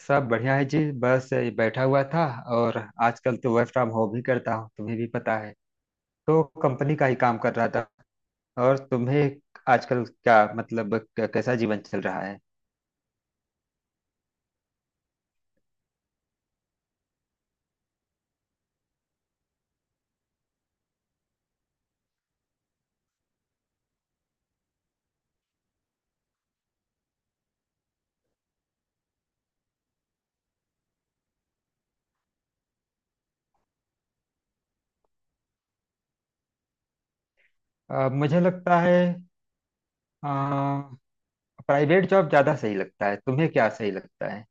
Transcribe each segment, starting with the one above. सब बढ़िया है जी। बस ये बैठा हुआ था। और आजकल तो वर्क फ्रॉम होम ही करता हूँ, तुम्हें भी पता है, तो कंपनी का ही काम कर रहा था। और तुम्हें आजकल क्या मतलब कैसा जीवन चल रहा है? मुझे लगता है प्राइवेट जॉब ज्यादा सही लगता है। तुम्हें क्या सही लगता है?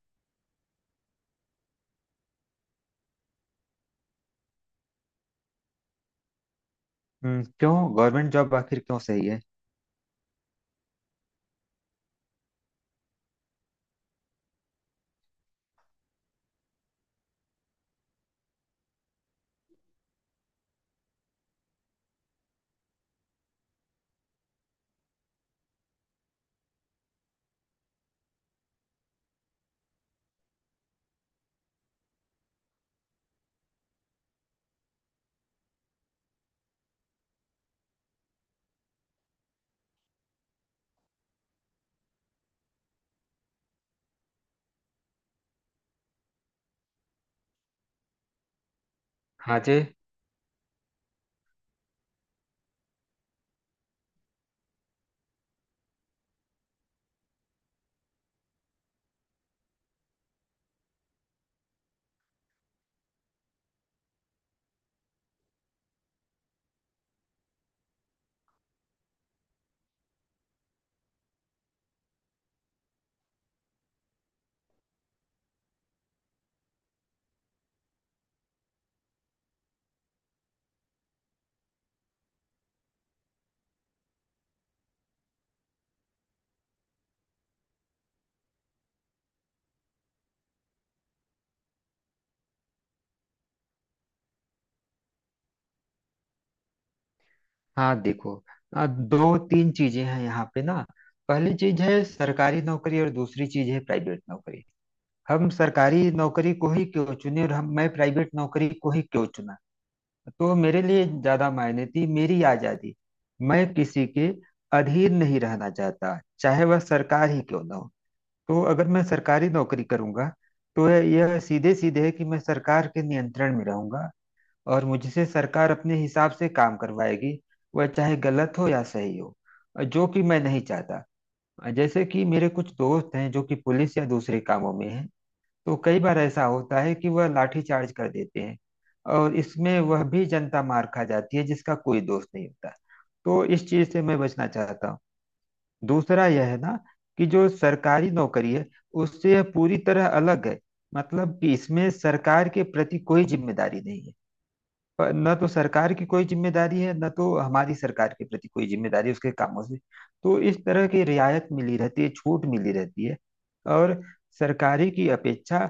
क्यों? गवर्नमेंट जॉब आखिर क्यों सही है? हाँ जी। हाँ देखो, दो तीन चीजें हैं यहाँ पे ना। पहली चीज है सरकारी नौकरी और दूसरी चीज है प्राइवेट नौकरी। हम सरकारी नौकरी को ही क्यों चुने और हम मैं प्राइवेट नौकरी को ही क्यों चुना। तो मेरे लिए ज्यादा मायने थी मेरी आजादी। मैं किसी के अधीन नहीं रहना चाहता, चाहे वह सरकार ही क्यों ना हो। तो अगर मैं सरकारी नौकरी करूंगा, तो यह सीधे सीधे है कि मैं सरकार के नियंत्रण में रहूंगा, और मुझसे सरकार अपने हिसाब से काम करवाएगी, वह चाहे गलत हो या सही हो, जो कि मैं नहीं चाहता। जैसे कि मेरे कुछ दोस्त हैं जो कि पुलिस या दूसरे कामों में हैं। तो कई बार ऐसा होता है कि वह लाठीचार्ज कर देते हैं, और इसमें वह भी जनता मार खा जाती है जिसका कोई दोष नहीं होता। तो इस चीज से मैं बचना चाहता हूँ। दूसरा यह है ना, कि जो सरकारी नौकरी है उससे यह पूरी तरह अलग है। मतलब कि इसमें सरकार के प्रति कोई जिम्मेदारी नहीं है। पर न तो सरकार की कोई जिम्मेदारी है, न तो हमारी सरकार के प्रति कोई जिम्मेदारी है उसके कामों से। तो इस तरह की रियायत मिली रहती है, छूट मिली रहती है। और सरकारी की अपेक्षा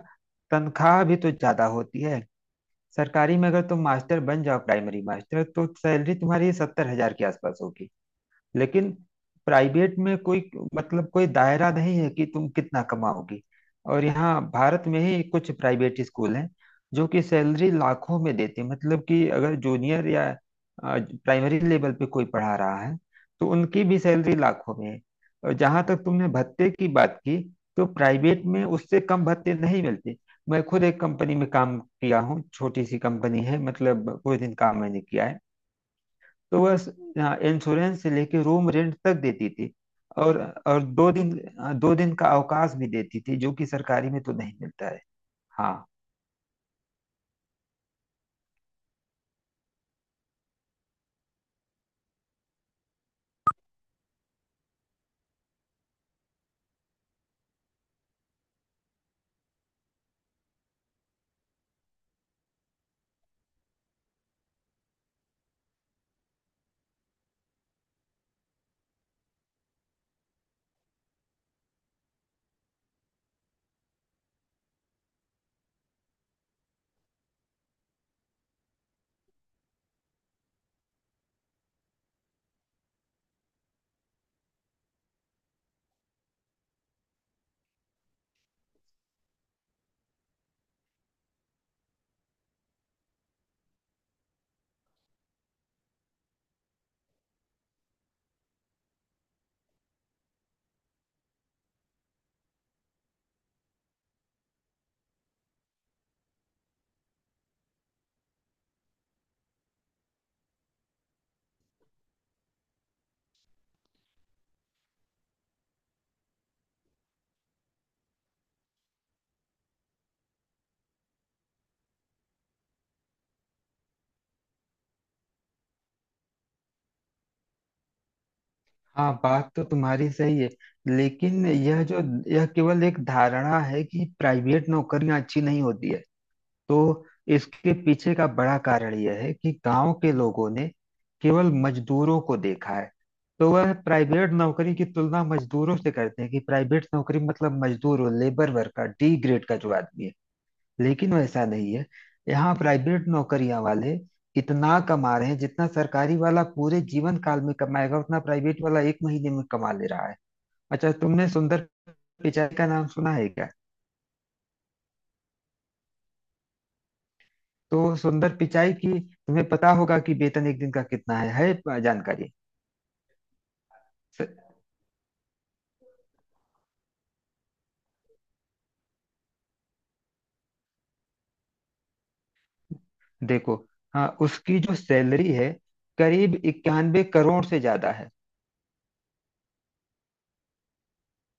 तनख्वाह भी तो ज्यादा होती है। सरकारी में अगर तुम मास्टर बन जाओ, प्राइमरी मास्टर, तो सैलरी तुम्हारी 70 हजार के आसपास होगी। लेकिन प्राइवेट में कोई मतलब कोई दायरा नहीं है कि तुम कितना कमाओगी। और यहाँ भारत में ही कुछ प्राइवेट स्कूल हैं जो कि सैलरी लाखों में देते हैं। मतलब कि अगर जूनियर या प्राइमरी लेवल पे कोई पढ़ा रहा है, तो उनकी भी सैलरी लाखों में है। और जहाँ तक तुमने भत्ते की बात की, तो प्राइवेट में उससे कम भत्ते नहीं मिलते। मैं खुद एक कंपनी में काम किया हूँ, छोटी सी कंपनी है, मतलब कोई दिन काम मैंने किया है, तो वह इंश्योरेंस से लेके रूम रेंट तक देती थी। और और दो दिन दो दिन का अवकाश भी देती थी, जो कि सरकारी में तो नहीं मिलता है। हाँ। हाँ बात तो तुम्हारी सही है। लेकिन यह केवल एक धारणा है कि प्राइवेट नौकरियां अच्छी नहीं होती है। तो इसके पीछे का बड़ा कारण यह है कि गांव के लोगों ने केवल मजदूरों को देखा है, तो वह प्राइवेट नौकरी की तुलना मजदूरों से करते हैं, कि प्राइवेट नौकरी मतलब मजदूर और लेबर वर्कर, डी ग्रेड का जो आदमी है। लेकिन वैसा नहीं है। यहाँ प्राइवेट नौकरियां वाले इतना कमा रहे हैं, जितना सरकारी वाला पूरे जीवन काल में कमाएगा उतना प्राइवेट वाला एक महीने में कमा ले रहा है। अच्छा, तुमने सुंदर पिचाई का नाम सुना है क्या? तो सुंदर पिचाई की तुम्हें पता होगा कि वेतन एक दिन का कितना है जानकारी? स- देखो, हाँ उसकी जो सैलरी है करीब 91 करोड़ से ज्यादा है।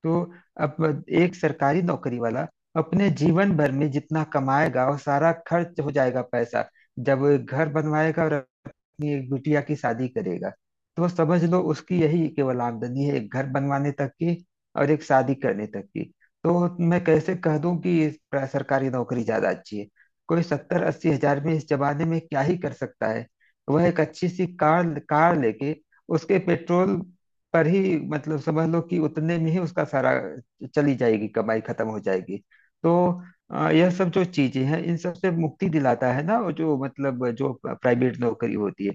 तो अब एक सरकारी नौकरी वाला अपने जीवन भर में जितना कमाएगा वो सारा खर्च हो जाएगा पैसा, जब वो एक घर बनवाएगा और अपनी एक बिटिया की शादी करेगा। तो वो समझ लो उसकी यही केवल आमदनी है, एक घर बनवाने तक की और एक शादी करने तक की। तो मैं कैसे कह दूं कि सरकारी नौकरी ज्यादा अच्छी है? कोई 70-80 हजार में इस जमाने में क्या ही कर सकता है। वह एक अच्छी सी कार कार लेके उसके पेट्रोल पर ही, मतलब समझ लो कि उतने में ही उसका सारा चली जाएगी, कमाई खत्म हो जाएगी। तो यह सब जो चीजें हैं इन सब से मुक्ति दिलाता है ना वो, जो मतलब जो प्राइवेट नौकरी होती है।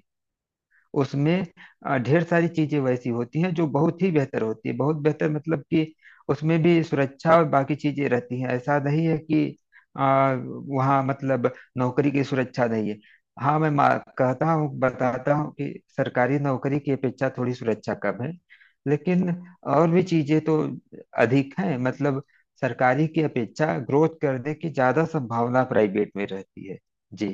उसमें ढेर सारी चीजें वैसी होती हैं जो बहुत ही बेहतर होती है, बहुत बेहतर, मतलब कि उसमें भी सुरक्षा और बाकी चीजें रहती हैं। ऐसा नहीं है कि वहाँ मतलब नौकरी की सुरक्षा नहीं है। हाँ मैं कहता हूँ, बताता हूँ कि सरकारी नौकरी की अपेक्षा थोड़ी सुरक्षा कम है, लेकिन और भी चीजें तो अधिक हैं। मतलब सरकारी की अपेक्षा ग्रोथ करने की ज्यादा संभावना प्राइवेट में रहती है। जी।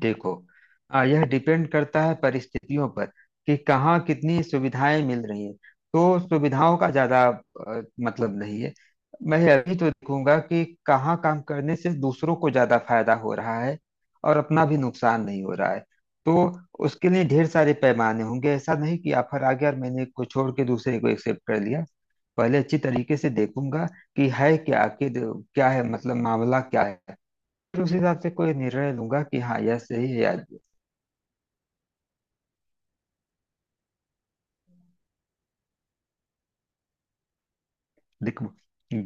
देखो, यह डिपेंड करता है परिस्थितियों पर, कि कहाँ कितनी सुविधाएं मिल रही हैं। तो सुविधाओं का ज्यादा मतलब नहीं है। मैं अभी तो देखूंगा कि कहाँ काम करने से दूसरों को ज्यादा फायदा हो रहा है और अपना भी नुकसान नहीं हो रहा है। तो उसके लिए ढेर सारे पैमाने होंगे। ऐसा नहीं कि ऑफर आ गया और मैंने एक को छोड़ के दूसरे को एक्सेप्ट कर लिया। पहले अच्छी तरीके से देखूंगा कि है क्या आखिर, क्या है, मतलब मामला क्या है। फिर उस हिसाब से कोई निर्णय लूंगा कि हाँ यह सही है या। देखो,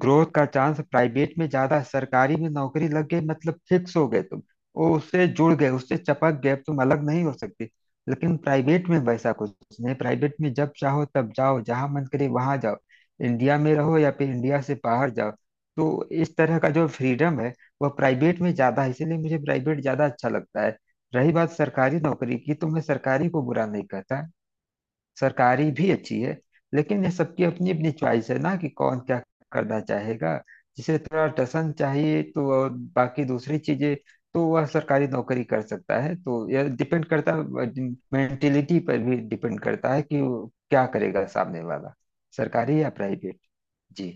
ग्रोथ का चांस प्राइवेट में ज्यादा है। सरकारी में नौकरी लग गई मतलब फिक्स हो गए तुम। वो उससे जुड़ गए, उससे चपक गए, अब तुम अलग नहीं हो सकते। लेकिन प्राइवेट में वैसा कुछ नहीं। प्राइवेट में जब चाहो तब जाओ, जहां मन करे वहां जाओ, इंडिया में रहो या फिर इंडिया से बाहर जाओ। तो इस तरह का जो फ्रीडम है वह प्राइवेट में ज्यादा है, इसीलिए मुझे प्राइवेट ज्यादा अच्छा लगता है। रही बात सरकारी नौकरी की, तो मैं सरकारी को बुरा नहीं कहता, सरकारी भी अच्छी है, लेकिन ये सबकी अपनी अपनी चॉइस है ना कि कौन क्या करना चाहेगा। जिसे थोड़ा टसन चाहिए तो और बाकी दूसरी चीजें, तो वह सरकारी नौकरी कर सकता है। तो यह डिपेंड करता है, मेंटेलिटी पर भी डिपेंड करता है कि वो क्या करेगा सामने वाला, सरकारी या प्राइवेट। जी।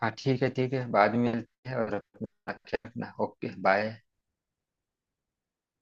हाँ ठीक है, ठीक है, बाद में मिलते हैं, और अपना ख्याल रखना। Okay bye.